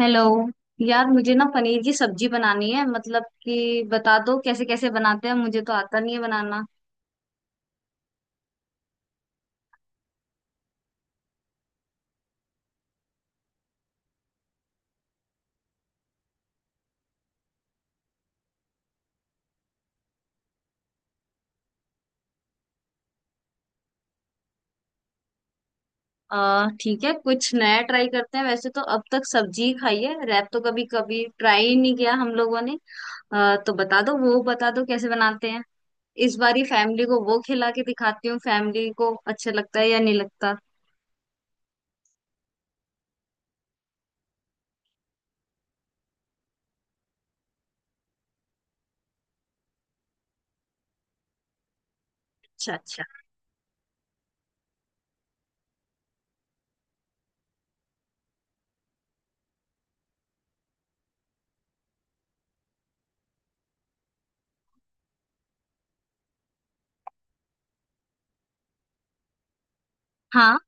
Hello. यार मुझे ना पनीर की सब्जी बनानी है, मतलब कि बता दो कैसे कैसे बनाते हैं, मुझे तो आता नहीं है बनाना। आ ठीक है, कुछ नया ट्राई करते हैं, वैसे तो अब तक सब्जी ही खाई है, रैप तो कभी कभी ट्राई ही नहीं किया हम लोगों ने। तो बता दो, वो बता दो कैसे बनाते हैं। इस बार ही फैमिली को वो खिला के दिखाती हूँ, फैमिली को अच्छा लगता है या नहीं लगता। अच्छा, अच्छा। हाँ,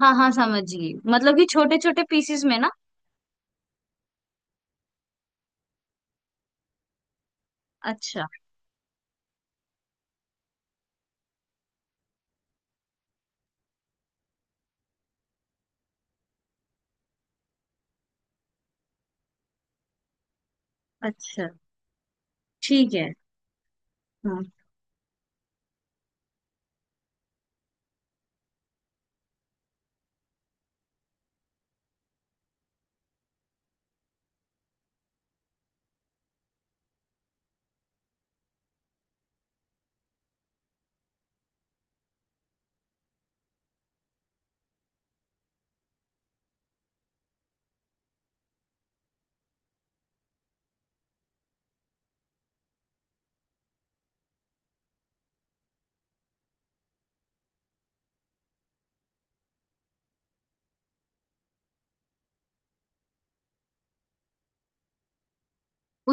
हाँ, हाँ, समझ गई, मतलब कि छोटे छोटे पीसेस में ना। अच्छा, अच्छा। ठीक है। हाँ।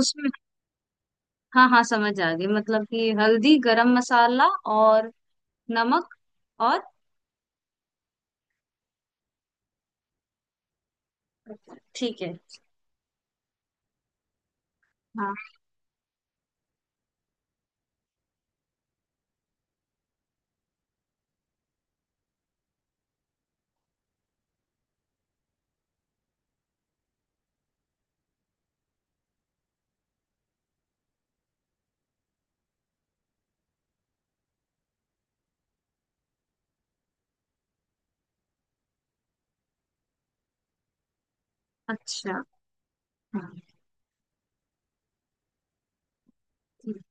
उसमें हाँ, हाँ, समझ आ गई, मतलब कि हल्दी, गरम मसाला और नमक और ठीक है। हाँ। अच्छा। हाँ। ठीक।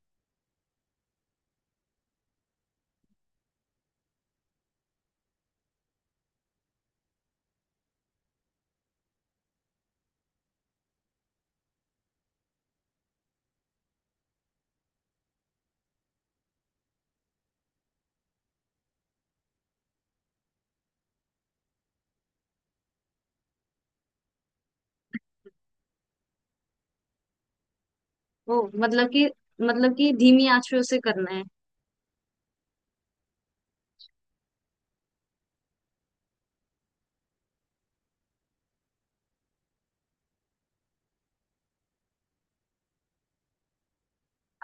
ओ, मतलब कि धीमी आंच पे उसे करना है।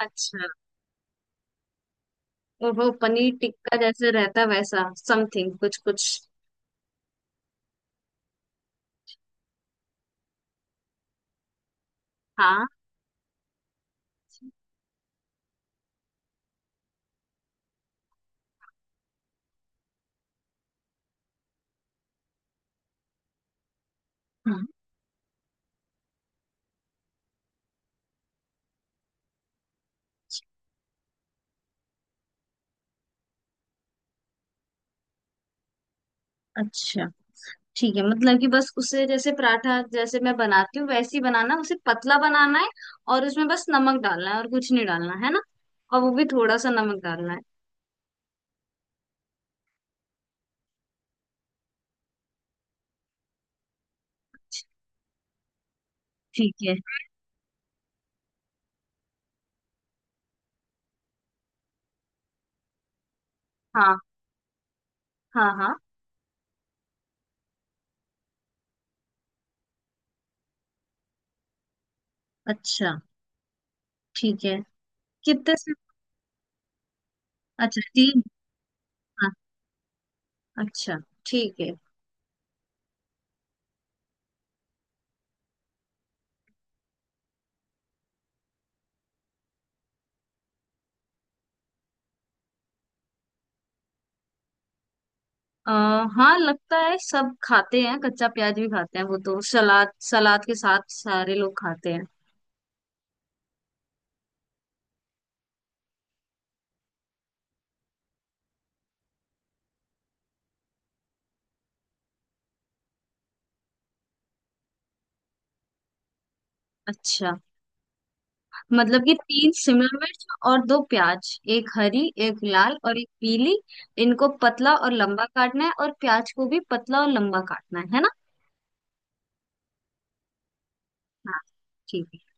अच्छा। और वो पनीर टिक्का जैसे रहता है, वैसा समथिंग कुछ कुछ। हाँ। हाँ। अच्छा। ठीक है, मतलब कि बस उसे जैसे पराठा जैसे मैं बनाती हूँ वैसे ही बनाना, उसे पतला बनाना है, और उसमें बस नमक डालना है और कुछ नहीं डालना है ना, और वो भी थोड़ा सा नमक डालना है। ठीक है। हाँ, हाँ, हाँ। अच्छा। ठीक है। कितने से? अच्छा, तीन। हाँ। अच्छा। ठीक है। आ, हाँ, लगता है, सब खाते हैं, कच्चा प्याज भी खाते हैं वो तो, सलाद सलाद के साथ सारे लोग खाते हैं। अच्छा, मतलब कि तीन शिमला मिर्च और दो प्याज, एक हरी एक लाल और एक पीली। इनको पतला और लंबा काटना है और प्याज को भी पतला और लंबा काटना है ना? हाँ, ठीक है।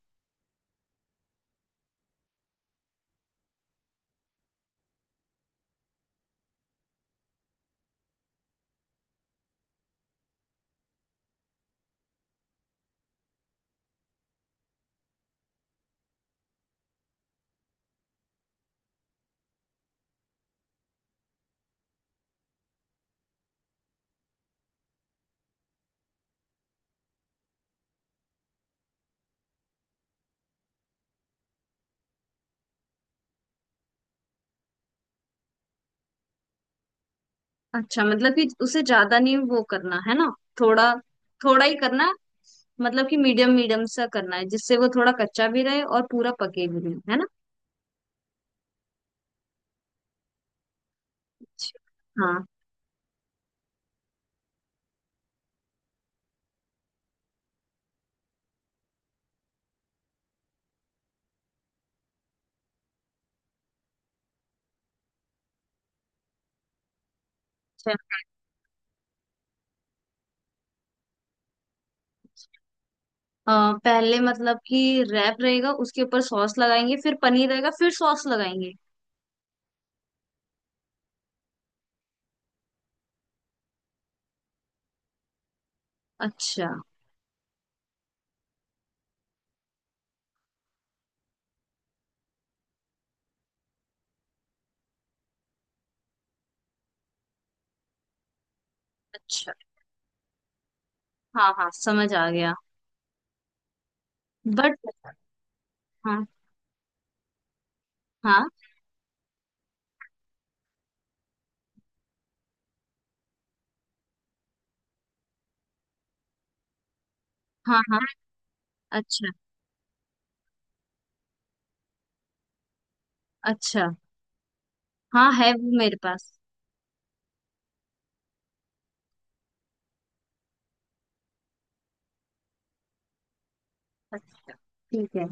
अच्छा, मतलब कि उसे ज्यादा नहीं वो करना है ना, थोड़ा, थोड़ा ही करना है, मतलब कि मीडियम मीडियम सा करना है, जिससे वो थोड़ा कच्चा भी रहे और पूरा पके भी नहीं, है ना? हाँ। अच्छा। पहले मतलब कि रैप रहेगा, उसके ऊपर सॉस लगाएंगे, फिर पनीर रहेगा, फिर सॉस लगाएंगे। अच्छा, अच्छा। हाँ, हाँ, समझ आ गया। बट हाँ, हाँ, हाँ, हाँ। अच्छा, अच्छा। हाँ, है वो मेरे पास। अच्छा, ठीक है,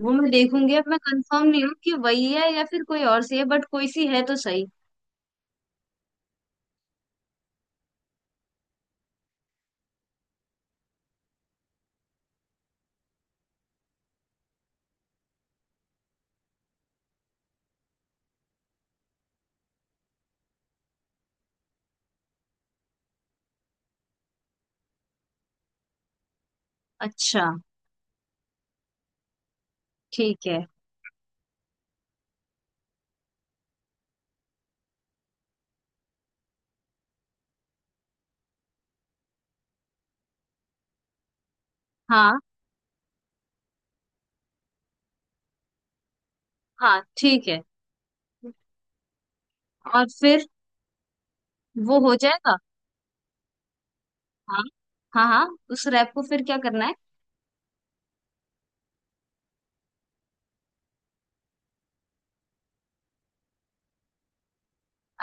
वो मैं देखूंगी, अब मैं कंफर्म नहीं हूँ कि वही है या फिर कोई और सी है, बट कोई सी है तो सही। अच्छा। ठीक है। हाँ। हाँ, ठीक है। और फिर वो हो जाएगा। हाँ। हाँ, हाँ। उस रैप को फिर क्या करना है?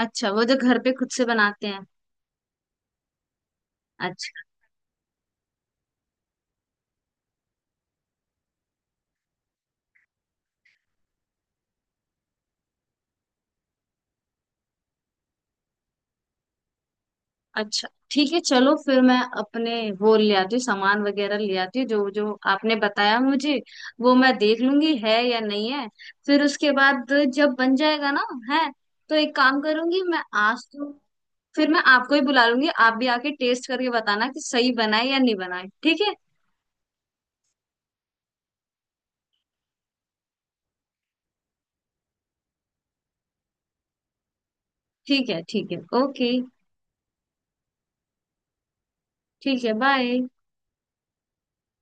अच्छा, वो जो घर पे खुद से बनाते हैं। अच्छा। अच्छा, ठीक है, चलो फिर मैं अपने वो ले आती हूँ, सामान वगैरह ले आती हूँ जो जो आपने बताया मुझे, वो मैं देख लूंगी है या नहीं है। फिर उसके बाद जब बन जाएगा ना, है, तो एक काम करूंगी मैं आज तो, फिर मैं आपको ही बुला लूंगी, आप भी आके टेस्ट करके बताना कि सही बना है या नहीं बना है। ठीक है? ठीक है, ठीक है, ओके। ठीक है, बाय।